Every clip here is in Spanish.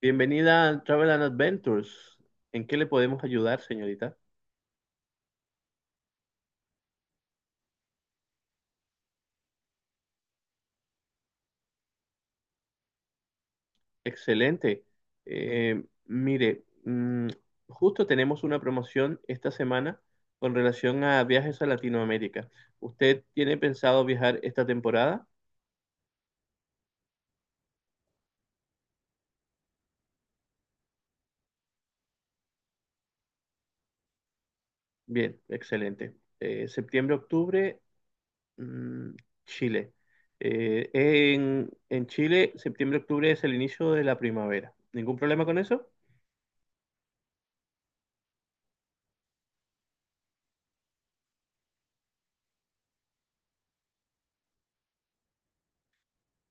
Bienvenida a Travel and Adventures. ¿En qué le podemos ayudar, señorita? Excelente. Eh, mire, mm, justo tenemos una promoción esta semana con relación a viajes a Latinoamérica. ¿Usted tiene pensado viajar esta temporada? Bien, excelente. Septiembre, octubre, mm, Chile. En Chile, septiembre, octubre es el inicio de la primavera. ¿Ningún problema con eso?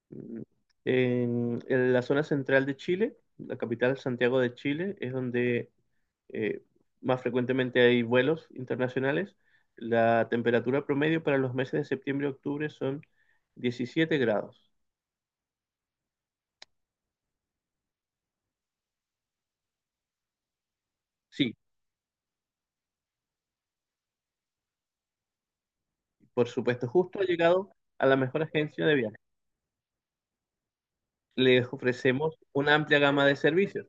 Mm, en la zona central de Chile, la capital Santiago de Chile, es donde eh, más frecuentemente hay vuelos internacionales. La temperatura promedio para los meses de septiembre y octubre son 17 grados. Sí, por supuesto, justo ha llegado a la mejor agencia de viajes. Les ofrecemos una amplia gama de servicios.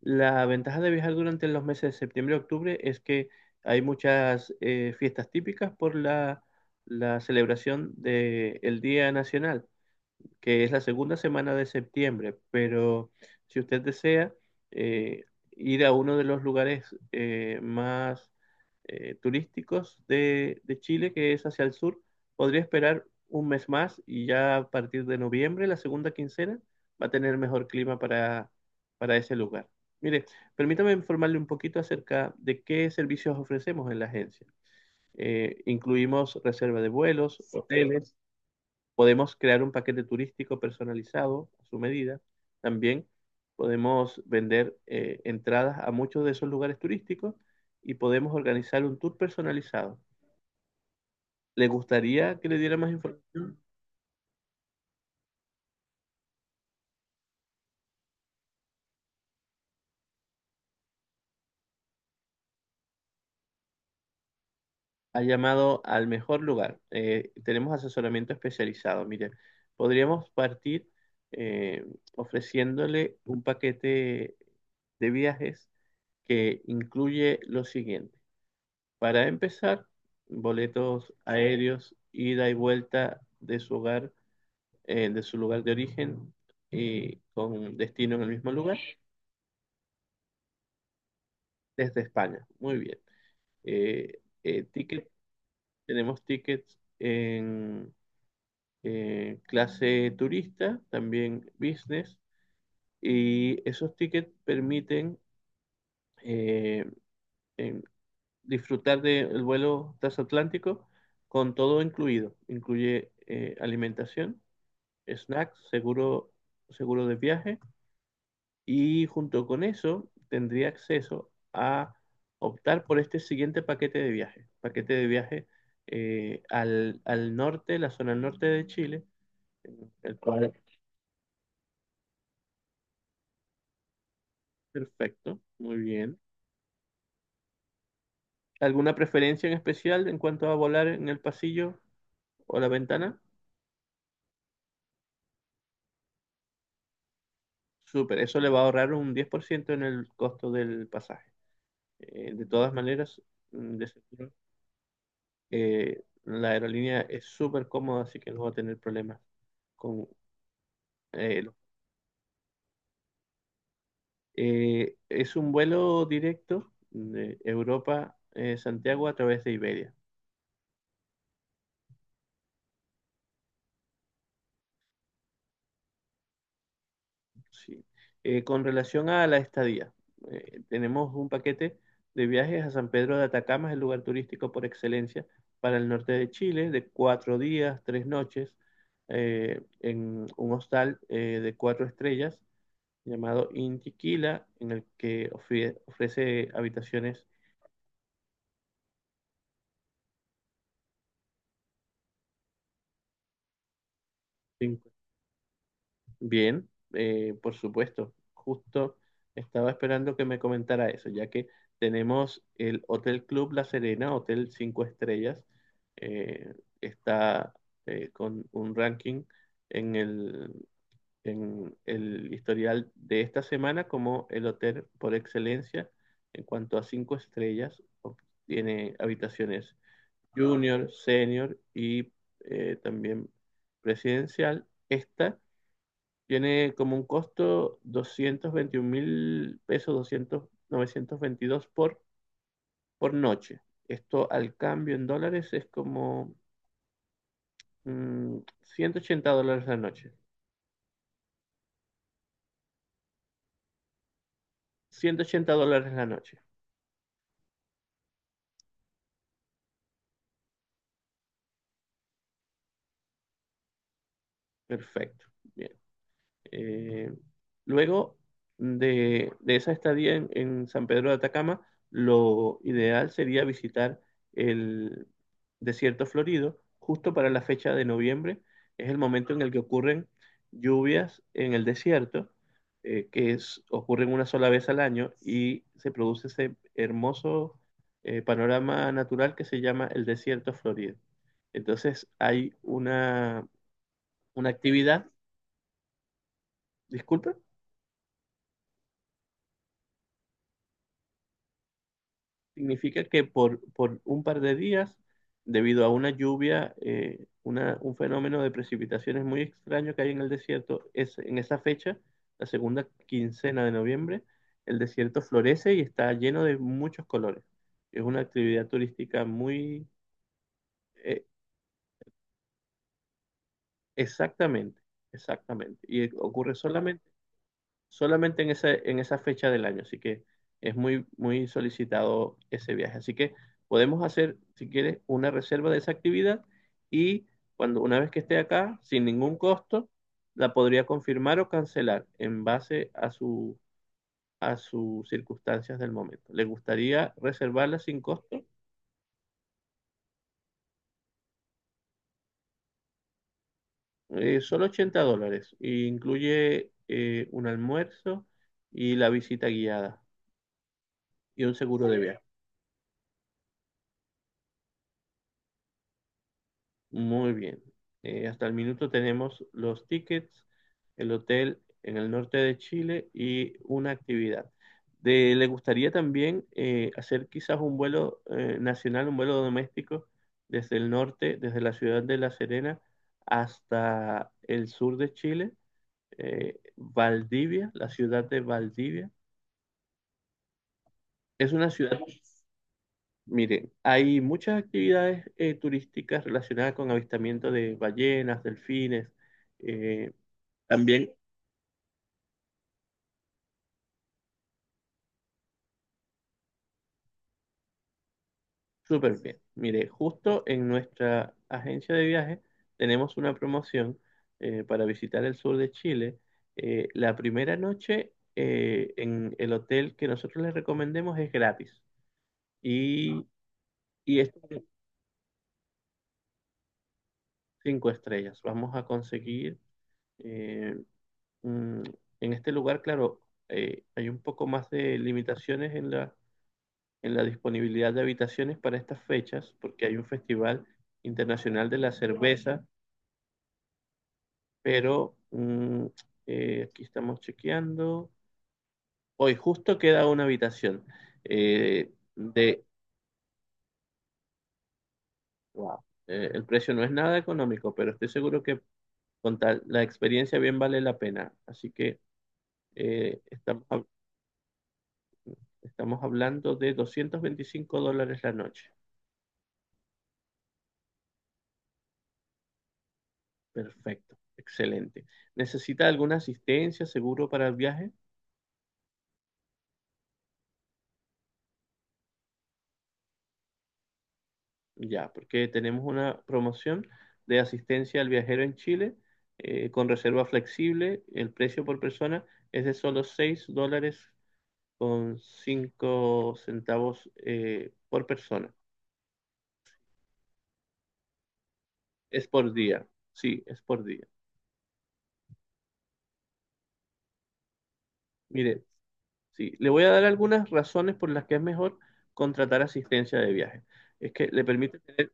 La ventaja de viajar durante los meses de septiembre y octubre es que hay muchas fiestas típicas por la celebración del Día Nacional, que es la segunda semana de septiembre. Pero si usted desea eh, ir a uno de los lugares más turísticos de Chile, que es hacia el sur, podría esperar un mes más, y ya a partir de noviembre, la segunda quincena, va a tener mejor clima para ese lugar. Mire, permítame informarle un poquito acerca de qué servicios ofrecemos en la agencia. Incluimos reserva de vuelos, hoteles. Podemos crear un paquete turístico personalizado a su medida. También podemos vender entradas a muchos de esos lugares turísticos, y podemos organizar un tour personalizado. ¿Le gustaría que le diera más información? Ha llamado al mejor lugar. Tenemos asesoramiento especializado. Mire, podríamos partir eh, ofreciéndole un paquete de viajes que incluye lo siguiente. Para empezar, boletos aéreos, ida y vuelta de su hogar, de su lugar de origen y con destino en el mismo lugar, desde España. Muy bien. Ticket, tenemos tickets en clase turista, también business, y esos tickets permiten eh, em, disfrutar del vuelo transatlántico con todo incluido. Incluye alimentación, snacks, seguro, seguro de viaje, y junto con eso tendría acceso a optar por este siguiente paquete de viaje. Paquete de viaje al norte, la zona norte de Chile, el cual perfecto, muy bien. ¿Alguna preferencia en especial en cuanto a volar en el pasillo o la ventana? Súper, eso le va a ahorrar un 10% en el costo del pasaje. De todas maneras, de seguro. La aerolínea es súper cómoda, así que no va a tener problemas con eh, lo- es un vuelo directo de Europa, Santiago, a través de Iberia. Sí. Con relación a la estadía, tenemos un paquete de viajes a San Pedro de Atacama. Es el lugar turístico por excelencia para el norte de Chile, de cuatro días, tres noches, en un hostal de cuatro estrellas llamado Intiquila, en el que ofrece habitaciones sin costo. Bien, por supuesto. Justo estaba esperando que me comentara eso, ya que tenemos el Hotel Club La Serena, hotel 5 estrellas. eh, Está con un ranking en el, en el historial de esta semana como el hotel por excelencia en cuanto a 5 estrellas. Tiene habitaciones junior, senior y también presidencial. Esta tiene como un costo 221 mil pesos, 922 por noche. Esto al cambio en dólares es como $180 la noche. $180 la noche. Perfecto. Bien. Eh, Luego de esa estadía en San Pedro de Atacama, lo ideal sería visitar el desierto florido justo para la fecha de noviembre. Es el momento en el que ocurren lluvias en el desierto, ocurren una sola vez al año, y se produce ese hermoso panorama natural que se llama el desierto florido. Entonces hay una actividad, disculpe. Significa que por un par de días, debido a una lluvia, un fenómeno de precipitaciones muy extraño que hay en el desierto, es, en esa fecha, la segunda quincena de noviembre, el desierto florece y está lleno de muchos colores. Es una actividad turística muy. eh, Exactamente, exactamente. Y ocurre solamente en esa, fecha del año, así que es muy, muy solicitado ese viaje. Así que podemos hacer, si quieres, una reserva de esa actividad, y cuando una vez que esté acá, sin ningún costo, la podría confirmar o cancelar en base a su, a sus circunstancias del momento. ¿Le gustaría reservarla sin costo? Solo $80. Y incluye un almuerzo y la visita guiada y un seguro de viaje. Muy bien. Hasta el minuto tenemos los tickets, el hotel en el norte de Chile y una actividad. ¿Le gustaría también hacer quizás un vuelo nacional, un vuelo doméstico desde el norte, desde la ciudad de La Serena hasta el sur de Chile, Valdivia, la ciudad de Valdivia? Es una ciudad. Mire, hay muchas actividades turísticas relacionadas con avistamiento de ballenas, delfines, eh, también. Súper bien. Mire, justo en nuestra agencia de viajes tenemos una promoción para visitar el sur de Chile. La primera noche en el hotel que nosotros les recomendemos es gratis, y, y es de cinco estrellas. Vamos a conseguir eh, mm, en este lugar, claro, hay un poco más de limitaciones en en la disponibilidad de habitaciones para estas fechas, porque hay un festival internacional de la cerveza, pero aquí estamos chequeando. Hoy justo queda una habitación de. Wow. El precio no es nada económico, pero estoy seguro que con tal, la experiencia bien vale la pena. Así que eh, estamos, hab- estamos hablando de $225 la noche. Perfecto, excelente. ¿Necesita alguna asistencia, seguro para el viaje? Ya, porque tenemos una promoción de asistencia al viajero en Chile con reserva flexible. El precio por persona es de solo $6.05 por persona. Es por día, sí, es por día. Mire, sí, le voy a dar algunas razones por las que es mejor contratar asistencia de viaje. Es que le permite tener,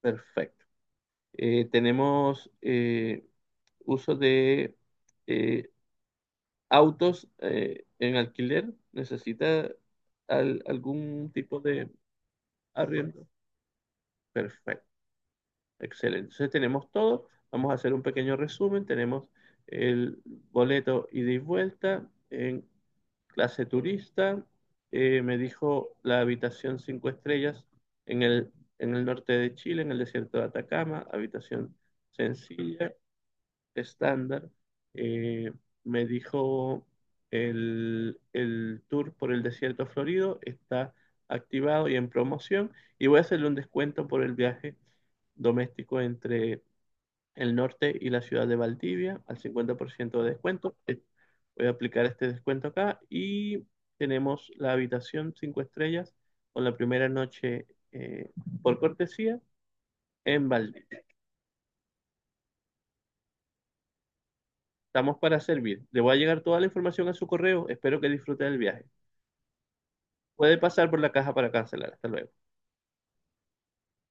perfecto. Tenemos uso de eh, autos en alquiler. ¿Necesita algún tipo de arriendo? Perfecto, excelente. Entonces tenemos todo. Vamos a hacer un pequeño resumen. Tenemos el boleto ida y vuelta en clase turista. Me dijo la habitación cinco estrellas en el, en el norte de Chile, en el desierto de Atacama, habitación sencilla, estándar. eh, Me dijo el tour por el desierto florido está activado y en promoción, y voy a hacerle un descuento por el viaje doméstico entre el norte y la ciudad de Valdivia al 50% de descuento. Voy a aplicar este descuento acá, y tenemos la habitación 5 estrellas con la primera noche por cortesía en Valdivia. Estamos para servir. Le voy a llegar toda la información a su correo. Espero que disfrute del viaje. Puede pasar por la caja para cancelar. Hasta luego.